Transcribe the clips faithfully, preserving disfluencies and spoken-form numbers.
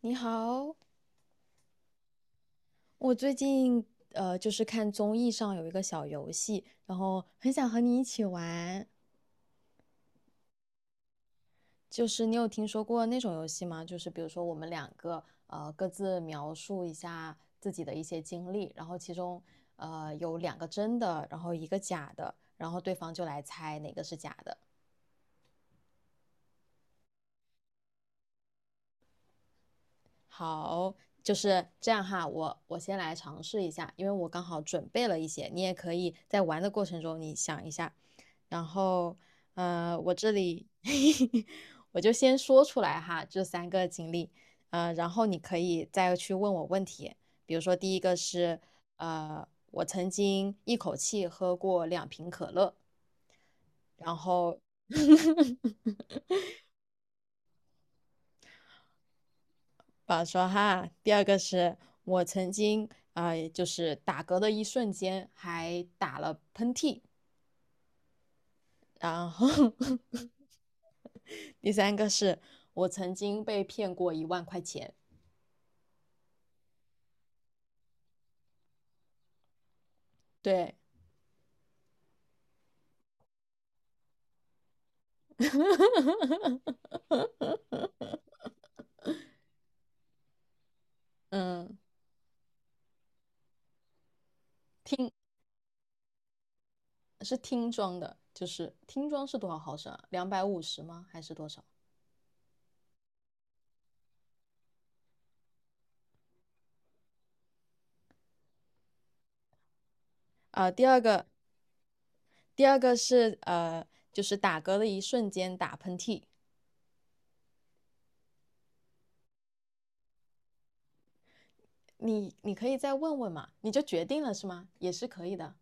你好，我最近呃就是看综艺上有一个小游戏，然后很想和你一起玩。就是你有听说过那种游戏吗？就是比如说我们两个呃各自描述一下自己的一些经历，然后其中呃有两个真的，然后一个假的，然后对方就来猜哪个是假的。好，就是这样哈。我我先来尝试一下，因为我刚好准备了一些，你也可以在玩的过程中你想一下。然后，呃，我这里 我就先说出来哈，这三个经历，呃，然后你可以再去问我问题。比如说，第一个是，呃，我曾经一口气喝过两瓶可乐，然后保说哈，第二个是我曾经啊、呃就是打嗝的一瞬间还打了喷嚏，然后 第三个是我曾经被骗过一万块钱，对，嗯，听是听装的，就是听装是多少毫升啊？两百五十吗？还是多少？啊、第二个，第二个是呃，就是打嗝的一瞬间打喷嚏，你你可以再问问嘛，你就决定了是吗？也是可以的。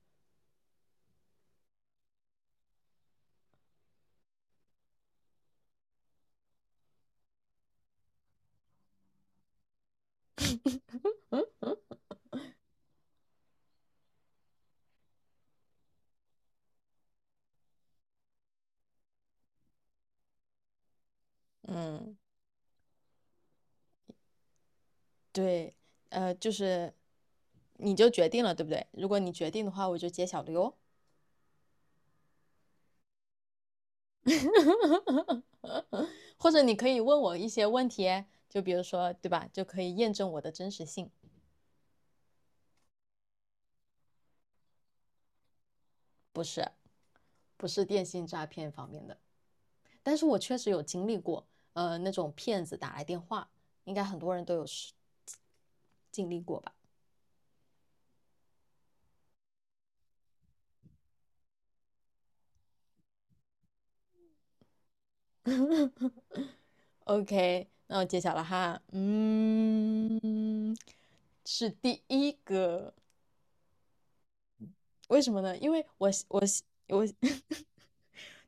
嗯对，呃，就是你就决定了，对不对？如果你决定的话，我就揭晓了哟。或者你可以问我一些问题，就比如说，对吧？就可以验证我的真实性，不是不是电信诈骗方面的。但是我确实有经历过，呃，那种骗子打来电话，应该很多人都有是经历过吧？OK，那我揭晓了哈，嗯，是第一个，为什么呢？因为我我我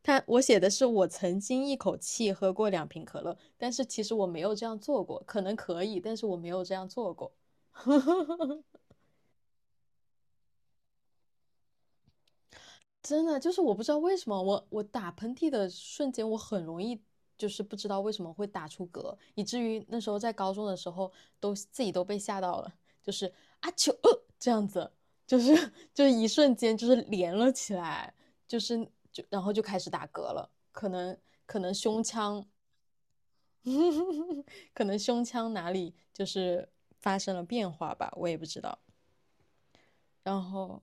他我写的是我曾经一口气喝过两瓶可乐，但是其实我没有这样做过，可能可以，但是我没有这样做过。真的就是我不知道为什么我我打喷嚏的瞬间，我很容易就是不知道为什么会打出嗝，以至于那时候在高中的时候都自己都被吓到了，就是啊球呃这样子，就是就是一瞬间就是连了起来，就是就然后就开始打嗝了，可能可能胸腔 可能胸腔哪里就是发生了变化吧，我也不知道。然后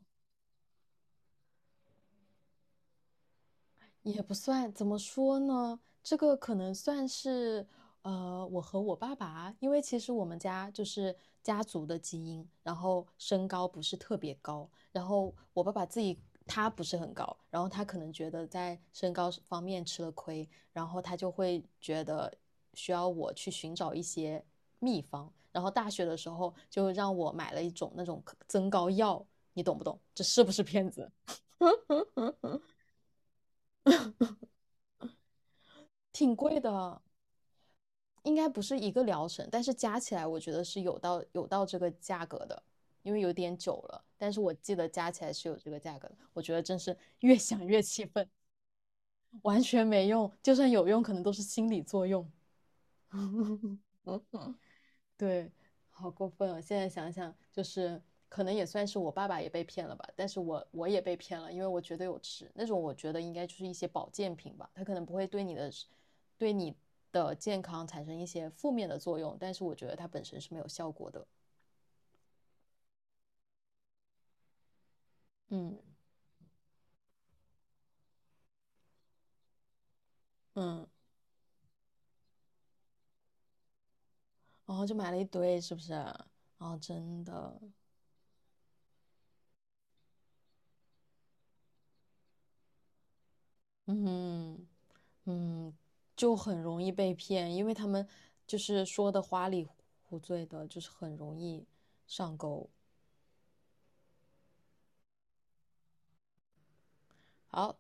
也不算，怎么说呢？这个可能算是，呃，我和我爸爸，因为其实我们家就是家族的基因，然后身高不是特别高，然后我爸爸自己他不是很高，然后他可能觉得在身高方面吃了亏，然后他就会觉得需要我去寻找一些秘方，然后大学的时候就让我买了一种那种增高药，你懂不懂？这是不是骗子？嗯，挺贵的。应该不是一个疗程，但是加起来我觉得是有到有到这个价格的，因为有点久了，但是我记得加起来是有这个价格的。我觉得真是 越想越气愤，完全没用，就算有用，可能都是心理作用。对，好过分哦！现在想想，就是可能也算是我爸爸也被骗了吧，但是我我也被骗了，因为我觉得有吃那种，我觉得应该就是一些保健品吧，它可能不会对你的对你的健康产生一些负面的作用，但是我觉得它本身是没有效果的。嗯嗯，然后就买了一堆，是不是？啊，真的，嗯嗯，就很容易被骗，因为他们就是说的花里胡醉的，就是很容易上钩。好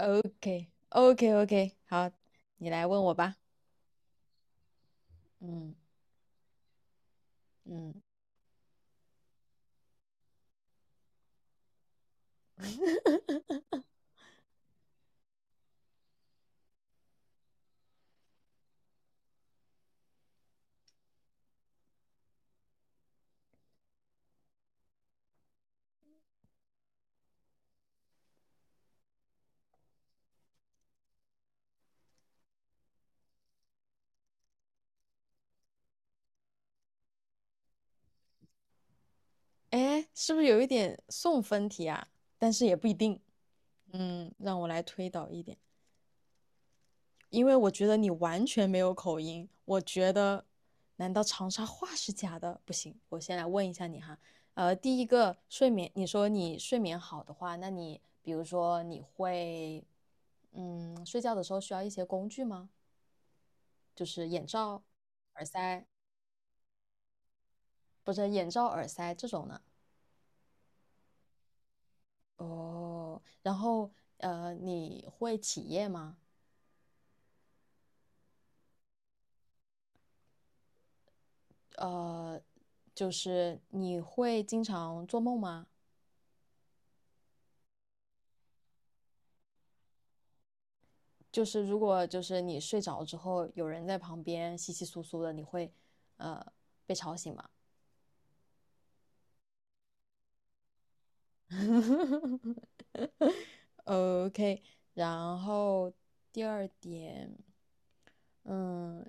，OK OK OK，好，你来问我吧。嗯嗯，哎，是不是有一点送分题啊？但是也不一定。嗯，让我来推导一点。因为我觉得你完全没有口音，我觉得，难道长沙话是假的？不行，我先来问一下你哈。呃，第一个睡眠，你说你睡眠好的话，那你比如说你会，嗯，睡觉的时候需要一些工具吗？就是眼罩、耳塞，不是眼罩、耳塞这种呢？哦，然后呃，你会起夜吗？呃，就是你会经常做梦吗？就是如果就是你睡着之后有人在旁边窸窸窣窣的，你会呃被吵醒吗 ？OK，然后第二点，嗯，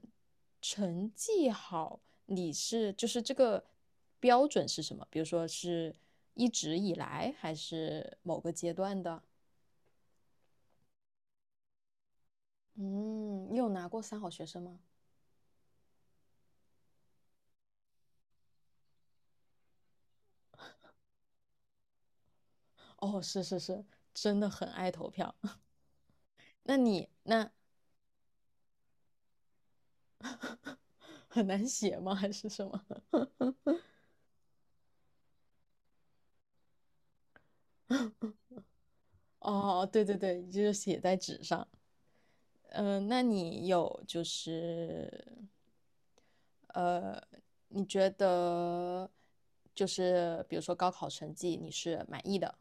成绩好，你是就是这个标准是什么？比如说是一直以来，还是某个阶段的？嗯，你有拿过三好学生吗？哦，是是是，真的很爱投票。那你那很难写吗？还是什么？哦，对对对，就是写在纸上。嗯、那你有就是呃，你觉得就是比如说高考成绩你是满意的？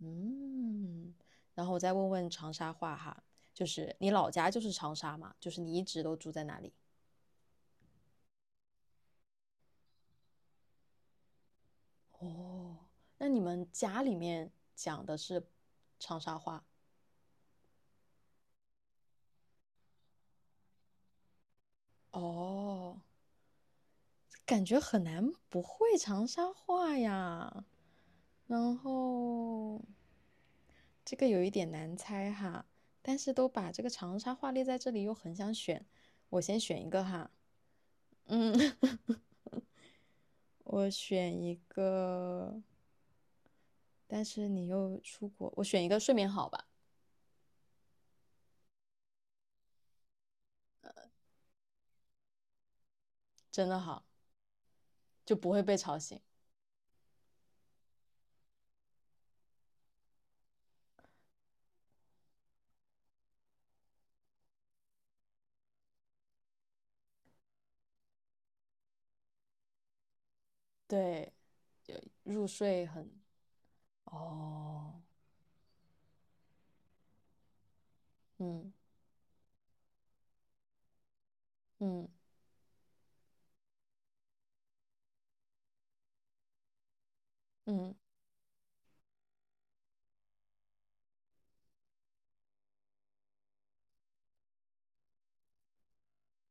嗯，然后我再问问长沙话哈，就是你老家就是长沙嘛？就是你一直都住在哪里？哦，那你们家里面讲的是长沙话？哦，感觉很难不会长沙话呀。然后这个有一点难猜哈，但是都把这个长沙话列在这里，又很想选，我先选一个哈。嗯，我选一个，但是你又出国，我选一个睡眠好吧，真的好，就不会被吵醒。对，就入睡很，哦，嗯嗯嗯，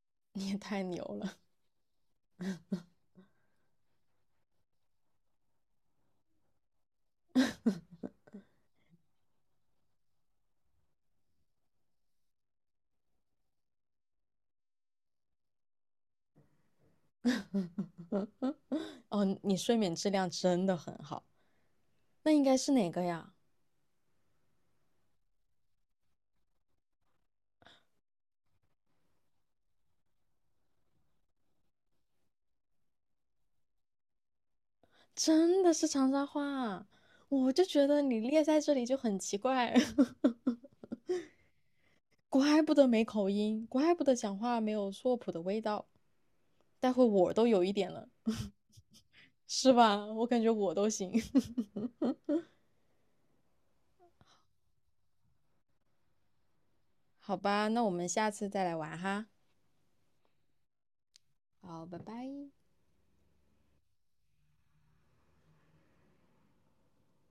你也太牛了，哦，你睡眠质量真的很好。那应该是哪个呀？真的是长沙话，我就觉得你列在这里就很奇怪，怪不得没口音，怪不得讲话没有硕普的味道。待会我都有一点了，是吧？我感觉我都行。好吧，那我们下次再来玩哈。好，拜拜。